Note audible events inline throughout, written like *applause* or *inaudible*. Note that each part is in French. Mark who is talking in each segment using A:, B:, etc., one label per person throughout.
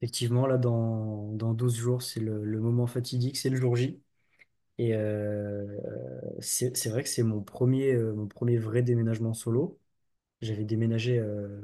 A: Effectivement, là, dans 12 jours, c'est le moment fatidique, c'est le jour J. Et c'est vrai que c'est mon premier vrai déménagement solo. J'avais déménagé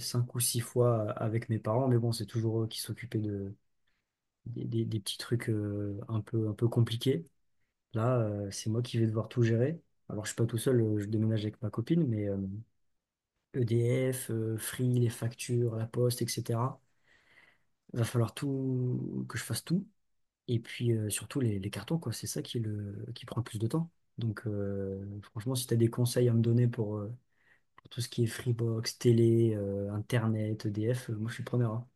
A: cinq ou six fois avec mes parents, mais bon, c'est toujours eux qui s'occupaient des petits trucs un peu compliqués. Là, c'est moi qui vais devoir tout gérer. Alors, je suis pas tout seul, je déménage avec ma copine, mais EDF, Free, les factures, la poste, etc. Va falloir tout, que je fasse tout. Et puis surtout les cartons, quoi, c'est ça qui prend le plus de temps. Donc franchement, si tu as des conseils à me donner pour tout ce qui est Freebox, télé, Internet, EDF, moi je suis preneur, hein.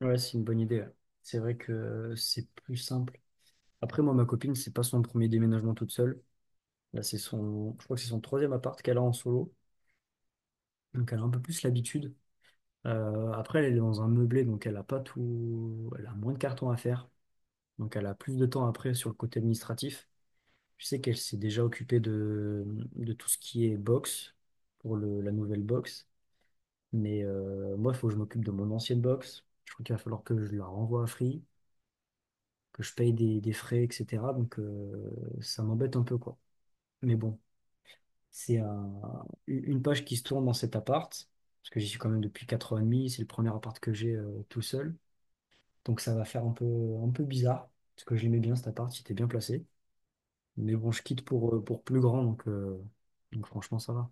A: Ouais, c'est une bonne idée, ouais. C'est vrai que c'est plus simple. Après, moi, ma copine, c'est pas son premier déménagement toute seule. Là, je crois que c'est son troisième appart qu'elle a en solo. Donc elle a un peu plus l'habitude. Après, elle est dans un meublé, donc elle a pas tout. Elle a moins de cartons à faire. Donc elle a plus de temps après sur le côté administratif. Je sais qu'elle s'est déjà occupée de tout ce qui est box, pour la nouvelle box. Mais moi, il faut que je m'occupe de mon ancienne box. Je crois qu'il va falloir que je la renvoie à Free, que je paye des frais, etc. Donc ça m'embête un peu, quoi. Mais bon, c'est une page qui se tourne dans cet appart, parce que j'y suis quand même depuis 4 ans et demi. C'est le premier appart que j'ai tout seul. Donc ça va faire un peu bizarre, parce que je l'aimais bien cet appart, il était bien placé. Mais bon, je quitte pour plus grand, donc franchement, ça va.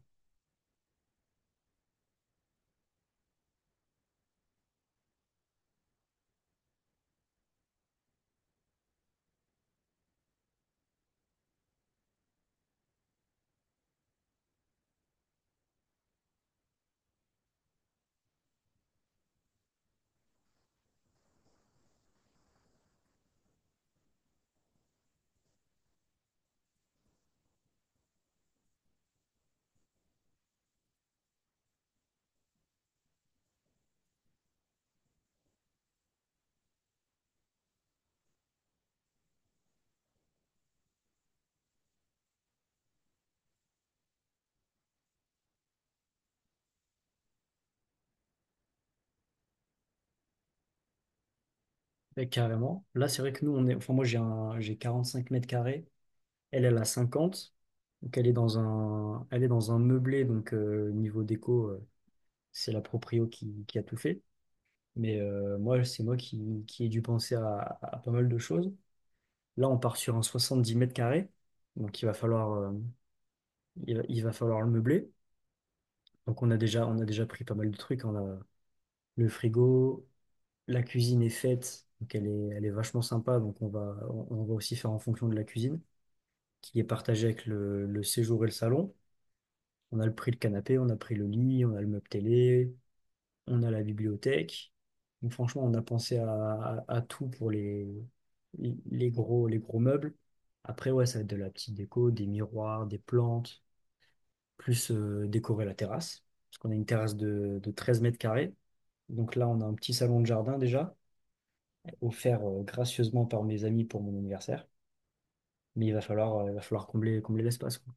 A: Mais carrément. Là, c'est vrai que nous, on est. Enfin, moi, j'ai 45 mètres carrés. Elle, elle a 50. Donc, elle est dans un meublé. Donc, niveau déco, c'est la proprio qui a tout fait. Mais moi, c'est moi qui ai dû penser à pas mal de choses. Là, on part sur un 70 mètres carrés. Donc, il va falloir le meubler. Donc, on a déjà pris pas mal de trucs. On a le frigo, la cuisine est faite. Donc, elle est vachement sympa. Donc, on va aussi faire en fonction de la cuisine, qui est partagé avec le séjour et le salon. On a le prix le canapé, on a pris le lit, on a le meuble télé, on a la bibliothèque. Donc franchement, on a pensé à tout pour les gros meubles. Après, ouais, ça va être de la petite déco, des miroirs, des plantes, plus décorer la terrasse. Parce qu'on a une terrasse de 13 mètres carrés. Donc là, on a un petit salon de jardin déjà, offert gracieusement par mes amis pour mon anniversaire. Mais il va falloir combler l'espace, quoi.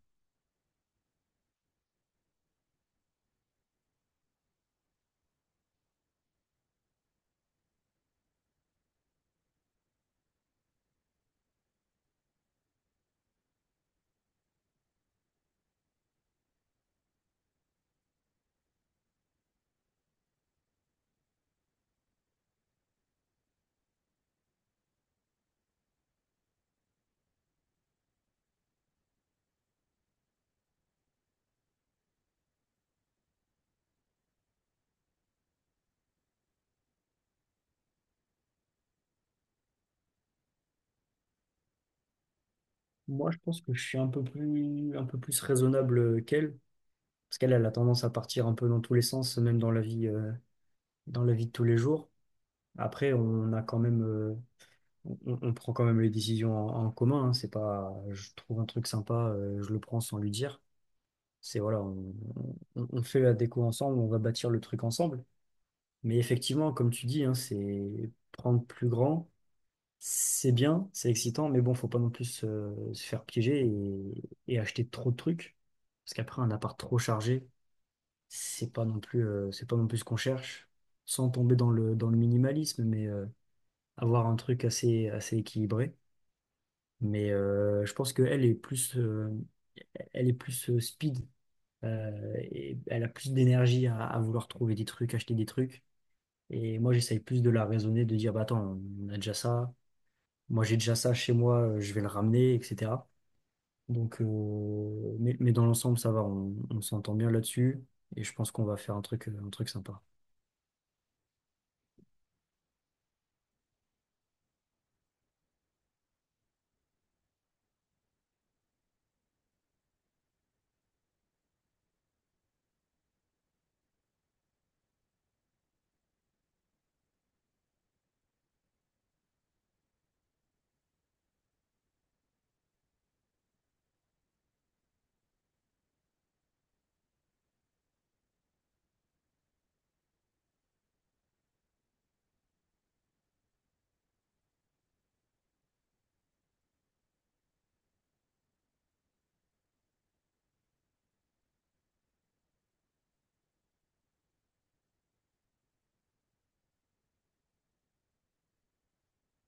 A: Moi, je pense que je suis un peu plus raisonnable qu'elle, parce qu'elle, elle a tendance à partir un peu dans tous les sens, même dans la vie de tous les jours. Après, on prend quand même les décisions en commun, hein. C'est pas, je trouve un truc sympa, je le prends sans lui dire. C'est voilà, on fait la déco ensemble, on va bâtir le truc ensemble. Mais effectivement, comme tu dis, hein, c'est prendre plus grand. C'est bien, c'est excitant, mais bon, faut pas non plus se faire piéger et acheter trop de trucs. Parce qu'après, un appart trop chargé, c'est pas non plus, c'est pas non plus ce qu'on cherche. Sans tomber dans le minimalisme, mais avoir un truc assez, assez équilibré. Mais je pense qu'elle est plus speed, et elle a plus d'énergie à vouloir trouver des trucs, acheter des trucs. Et moi, j'essaye plus de la raisonner, de dire, bah attends, on a déjà ça. Moi, j'ai déjà ça chez moi, je vais le ramener, etc. Donc, mais dans l'ensemble, ça va, on s'entend bien là-dessus et je pense qu'on va faire un truc sympa.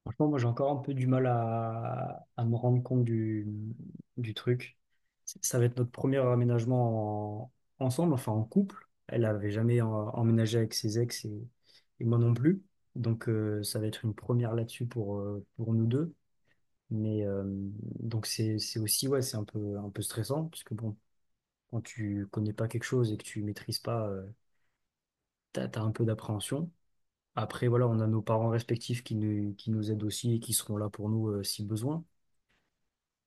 A: Franchement, moi, j'ai encore un peu du mal à me rendre compte du truc. Ça va être notre premier aménagement ensemble, enfin en couple. Elle n'avait jamais emménagé avec ses ex et moi non plus. Donc, ça va être une première là-dessus pour nous deux. Mais donc c'est aussi ouais c'est un peu stressant parce que bon quand tu connais pas quelque chose et que tu maîtrises pas, t'as un peu d'appréhension. Après, voilà, on a nos parents respectifs qui nous aident aussi et qui seront là pour nous, si besoin.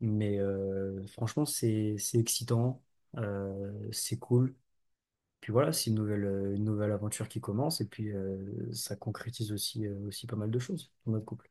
A: Mais franchement, c'est excitant, c'est cool. Puis voilà, c'est une nouvelle aventure qui commence et puis ça concrétise aussi pas mal de choses dans notre couple.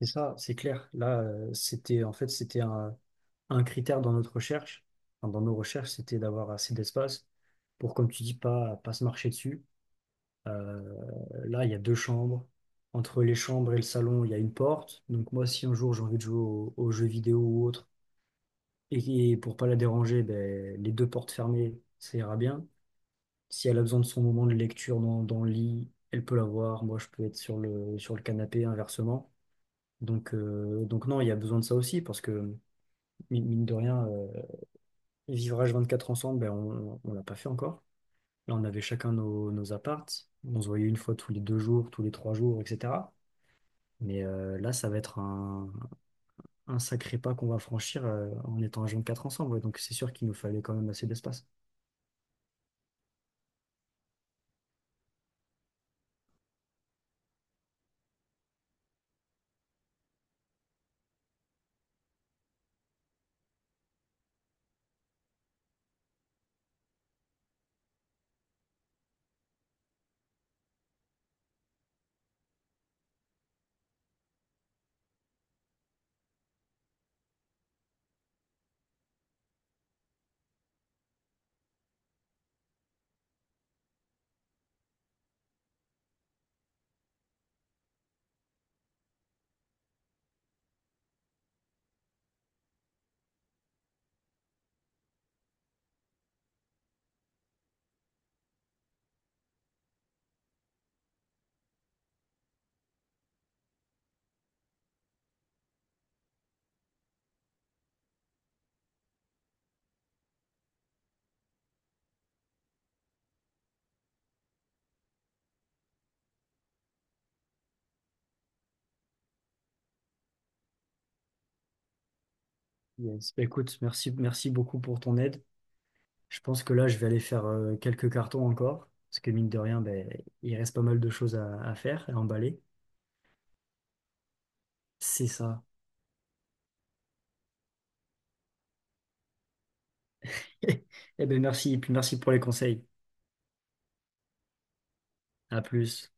A: Et ça, c'est clair. Là, c'était en fait, c'était un critère dans notre recherche, enfin, dans nos recherches, c'était d'avoir assez d'espace pour, comme tu dis, pas se marcher dessus. Euh, Là, il y a deux chambres. Entre les chambres et le salon, il y a une porte. Donc moi, si un jour j'ai envie de jouer aux jeux vidéo ou autre, et pour pas la déranger, ben, les deux portes fermées, ça ira bien. Si elle a besoin de son moment de lecture dans le lit, elle peut l'avoir. Moi, je peux être sur le canapé, inversement. Donc non, il y a besoin de ça aussi, parce que mine de rien, vivre H24 ensemble, ben, on l'a pas fait encore. Là, on avait chacun nos apparts. On se voyait une fois tous les 2 jours, tous les 3 jours, etc. Mais là, ça va être un sacré pas qu'on va franchir en étant à jeune 4 ensemble, ouais. Donc c'est sûr qu'il nous fallait quand même assez d'espace. Yes. Bah, écoute, merci, merci beaucoup pour ton aide. Je pense que là, je vais aller faire quelques cartons encore. Parce que mine de rien, ben, il reste pas mal de choses à faire, à emballer. C'est ça. *laughs* Eh ben merci. Et puis merci pour les conseils. À plus.